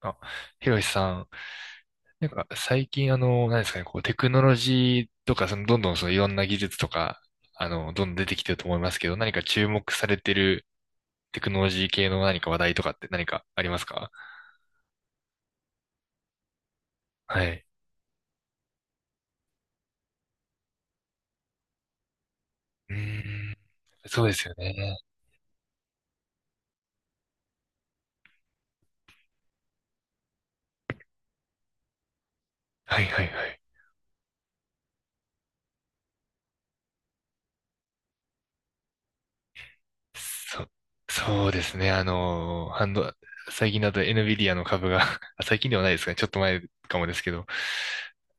あ、ひろしさん、なんか最近何ですかね、こうテクノロジーとか、どんどんいろんな技術とか、どんどん出てきてると思いますけど、何か注目されてるテクノロジー系の何か話題とかって何かありますか？はい。うーん、そうですよね。はいはいはい。そ、そうですね。あの、ハンド、最近だと NVIDIA の株が あ、最近ではないですかね。ちょっと前かもですけど、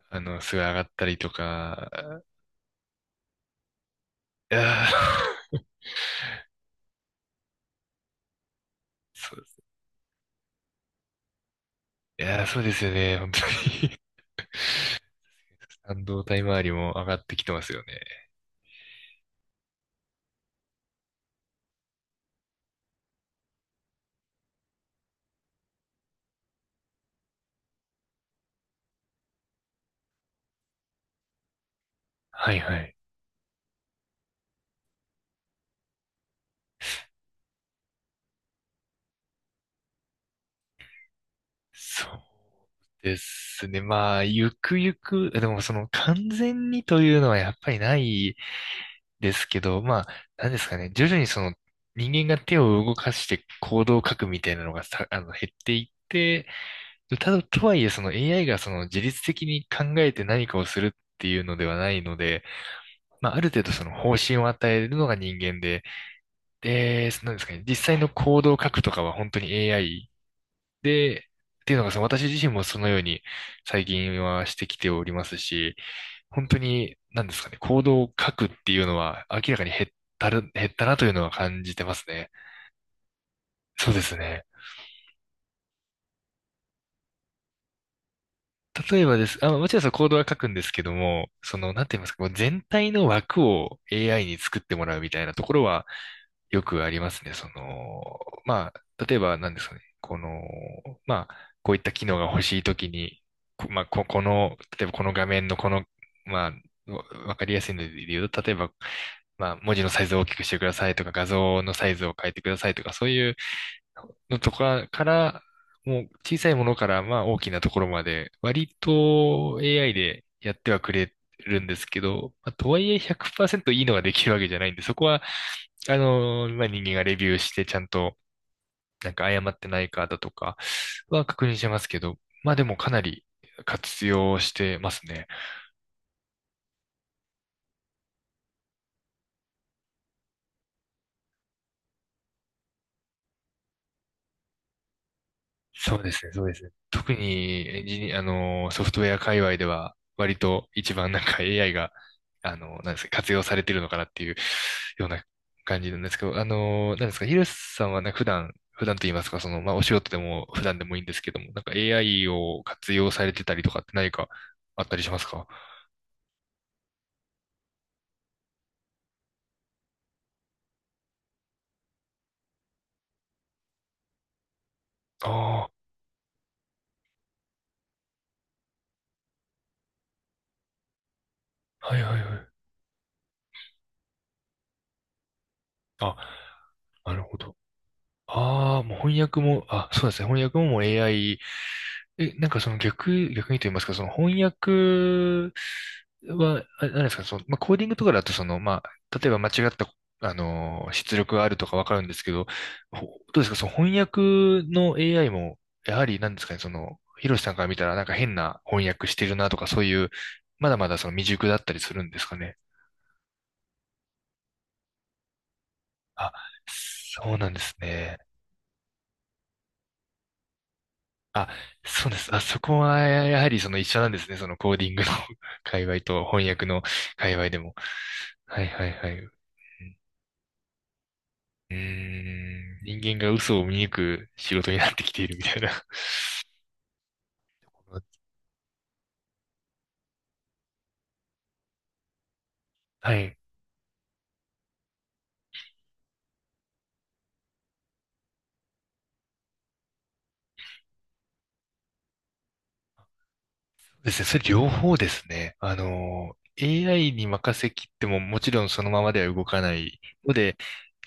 すごい上がったりとか、いやー そういやー、そうですよね。本当に 半導体周りも上がってきてますよね。はいはい。そうですね。まあ、ゆくゆく、でも完全にというのはやっぱりないですけど、まあ、なんですかね。徐々に人間が手を動かして行動を書くみたいなのがさ、減っていって、ただ、とはいえAI が自律的に考えて何かをするっていうのではないので、まあ、ある程度方針を与えるのが人間で、で、なんですかね、実際のコードを書くとかは本当に AI で、っていうのが私自身もそのように最近はしてきておりますし、本当に何ですかね、コードを書くっていうのは明らかに減ったなというのは感じてますね。そうですね。例えばです。あ、もちろんそのコードは書くんですけども、なんて言いますか、もう全体の枠を AI に作ってもらうみたいなところはよくありますね。まあ、例えば何ですかね。まあ、こういった機能が欲しいときに、こまあ、こ、この、例えばこの画面のこの、まあ、わかりやすいので言うと、例えば、まあ、文字のサイズを大きくしてくださいとか、画像のサイズを変えてくださいとか、そういうのとかから、もう小さいものからまあ大きなところまで、割と AI でやってはくれるんですけど、まあ、とはいえ100%いいのができるわけじゃないんで、そこは、まあ、人間がレビューしてちゃんと、なんか誤ってないかだとかは確認してますけど、まあでもかなり活用してますね。そうですね、そうですね。特にエンジニア、ソフトウェア界隈では、割と一番なんか AI が、なんですか、活用されてるのかなっていうような感じなんですけど、なんですか、ヒルさんはなんか普段、普段と言いますか、まあ、お仕事でも普段でもいいんですけども、なんか AI を活用されてたりとかって何かあったりしますか？ああー、はいはいはい。あ、なるほど。ああ、もう翻訳も、あ、そうですね。翻訳ももう AI。 え、なんかその逆にと言いますか、その翻訳は、あれなんですか、まあ、コーディングとかだと、まあ、例えば間違った、出力があるとかわかるんですけど、ほどうですか、その翻訳の AI も、やはりなんですかね、ヒロシさんから見たらなんか変な翻訳してるなとか、そういう、まだまだ未熟だったりするんですかね。あ、そうなんですね。あ、そうです。あ、そこはやはり一緒なんですね、そのコーディングの 界隈と翻訳の界隈でも。はいはいはい。うーん、人間が嘘を見抜く仕事になってきているみたいな。はい。そうですね。それ両方ですね。AI に任せきってももちろんそのままでは動かないので、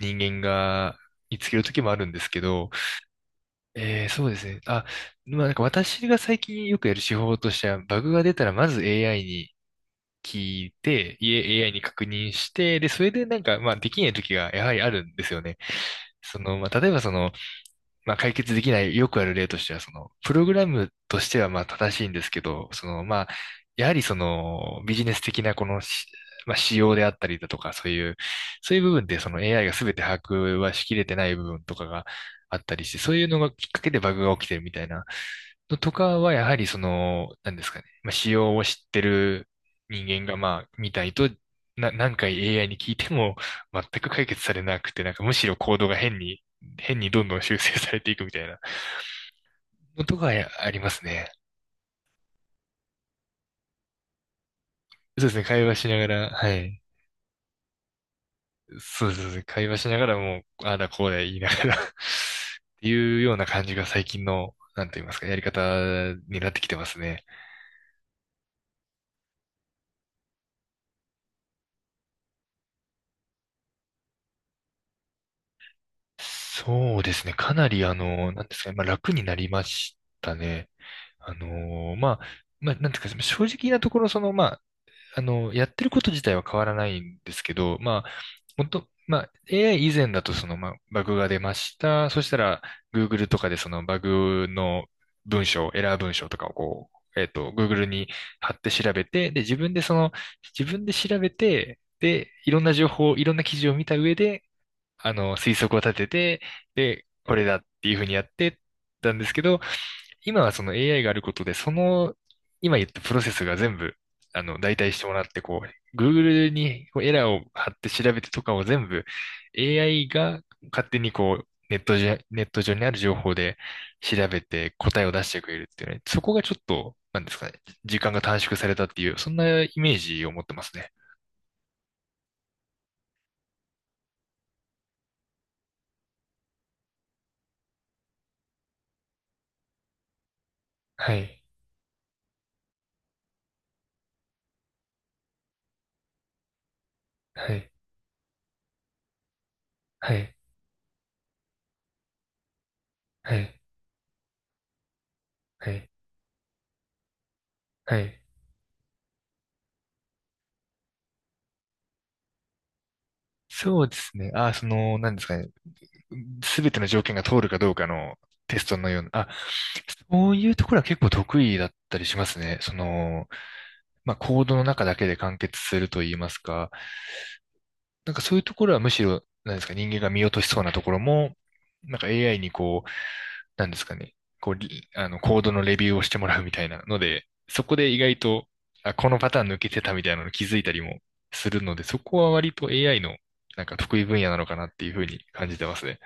人間が見つける時もあるんですけど、そうですね。あ、まあなんか私が最近よくやる手法としては、バグが出たらまず AI に聞いて、AI に確認して、で、それでなんか、まあ、できない時がやはりあるんですよね。まあ、例えばまあ、解決できない、よくある例としては、プログラムとしてはまあ正しいんですけど、まあ、やはりビジネス的なこのし、まあ、仕様であったりだとか、そういう、そういう部分でAI が全て把握はしきれてない部分とかがあったりして、そういうのがきっかけでバグが起きてるみたいなのとかは、やはりなんですかね、まあ、仕様を知ってる人間が、まあ、みたいと、何回 AI に聞いても全く解決されなくて、なんかむしろコードが変に変にどんどん修正されていくみたいなのとかありますね。そうですね、会話しながら、はい。そうですね、会話しながらもう、ああだこうだ言いながら っていうような感じが最近の、なんと言いますか、やり方になってきてますね。そうですね、かなりなんですかね、まあ楽になりましたね。あのまあ、まあ、なんていうか、正直なところ、その、まあの、やってること自体は変わらないんですけど、まあ、もっと、まあ、AI 以前だとまあ、バグが出ました。そしたら、Google とかでそのバグの文章、エラー文章とかをこう、Google に貼って調べて、で、自分で調べて、で、いろんな情報、いろんな記事を見た上で、推測を立てて、で、これだっていうふうにやってたんですけど、今はその AI があることで、今言ったプロセスが全部、代替してもらって、こう、Google にこうエラーを貼って調べてとかを全部 AI が勝手にこう、ネット上にある情報で調べて答えを出してくれるっていうね、そこがちょっと、なんですかね、時間が短縮されたっていう、そんなイメージを持ってますね。はい。はい。はい。はい。はい。はい。そうですね。あ、なんですかね。すべての条件が通るかどうかのテストのような、あ、そういうところは結構得意だったりしますね。まあ、コードの中だけで完結すると言いますか、なんかそういうところはむしろ、なんですか、人間が見落としそうなところも、なんか AI にこう、なんですかね、こう、リあの、コードのレビューをしてもらうみたいなので、そこで意外と、あ、このパターン抜けてたみたいなの気づいたりもするので、そこは割と AI のなんか得意分野なのかなっていうふうに感じてますね。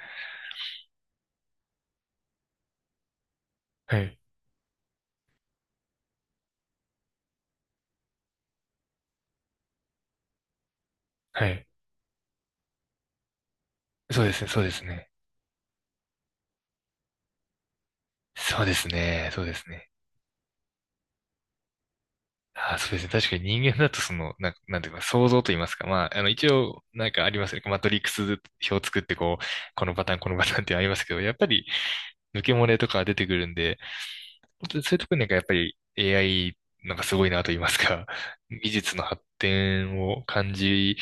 はい。はい。そうですね、そうですね。そうですね、そうですね。あーそうですね。確かに人間だとなんか、なんていうか、想像と言いますか。まあ、一応、なんかありますよね。マトリックス表を作ってこう、このパターン、このパターンってありますけど、やっぱり、抜け漏れとか出てくるんで、そういうところになんかやっぱり AI なんかすごいなと言いますか、技術の発展を感じ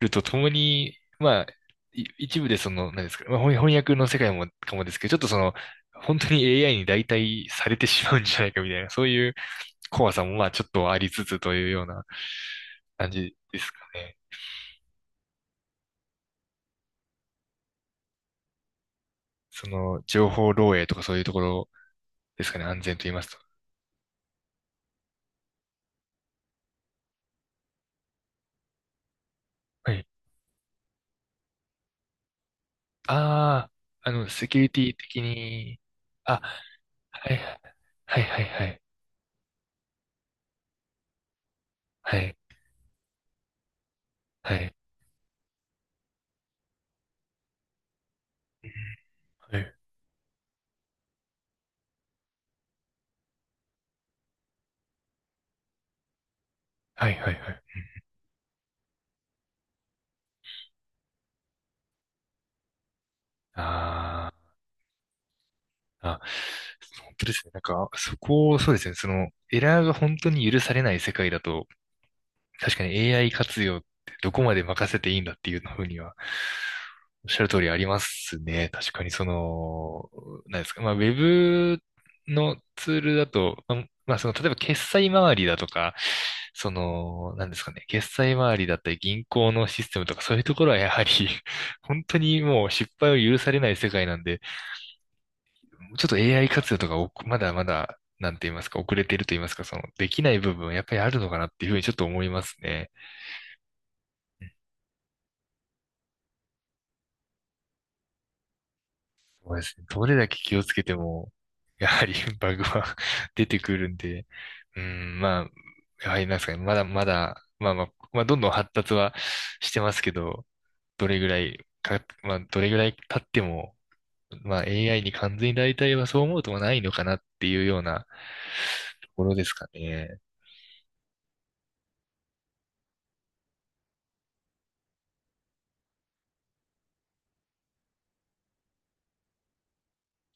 るとともに、まあ、一部で何ですか、まあ、翻訳の世界もかもですけど、ちょっと本当に AI に代替されてしまうんじゃないかみたいな、そういう怖さもまあちょっとありつつというような感じですかね。情報漏洩とかそういうところですかね、安全と言いますと。はい。ああ、セキュリティ的に、あ、はいはいはいはい。はい。はい。はい。はいはいはい。あーあ。本当ですね。なんか、そこを、そうですね。エラーが本当に許されない世界だと、確かに AI 活用ってどこまで任せていいんだっていうふうには、おっしゃる通りありますね。確かに何ですか。まあ、ウェブのツールだと、まあ、例えば決済周りだとか、何ですかね。決済周りだったり銀行のシステムとかそういうところはやはり 本当にもう失敗を許されない世界なんで、ちょっと AI 活用とかまだまだ、なんて言いますか、遅れていると言いますか、できない部分はやっぱりあるのかなっていうふうにちょっと思いますね。そうですね。どれだけ気をつけても、やはり バグは 出てくるんで、うん、まあ、やはりなんですかね、まだまだ、まあまあ、まあ、どんどん発達はしてますけど、どれぐらいか、まあ、どれぐらい経っても、まあ、AI に完全に代替はそう思うとはないのかなっていうようなところですかね。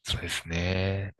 そうですね。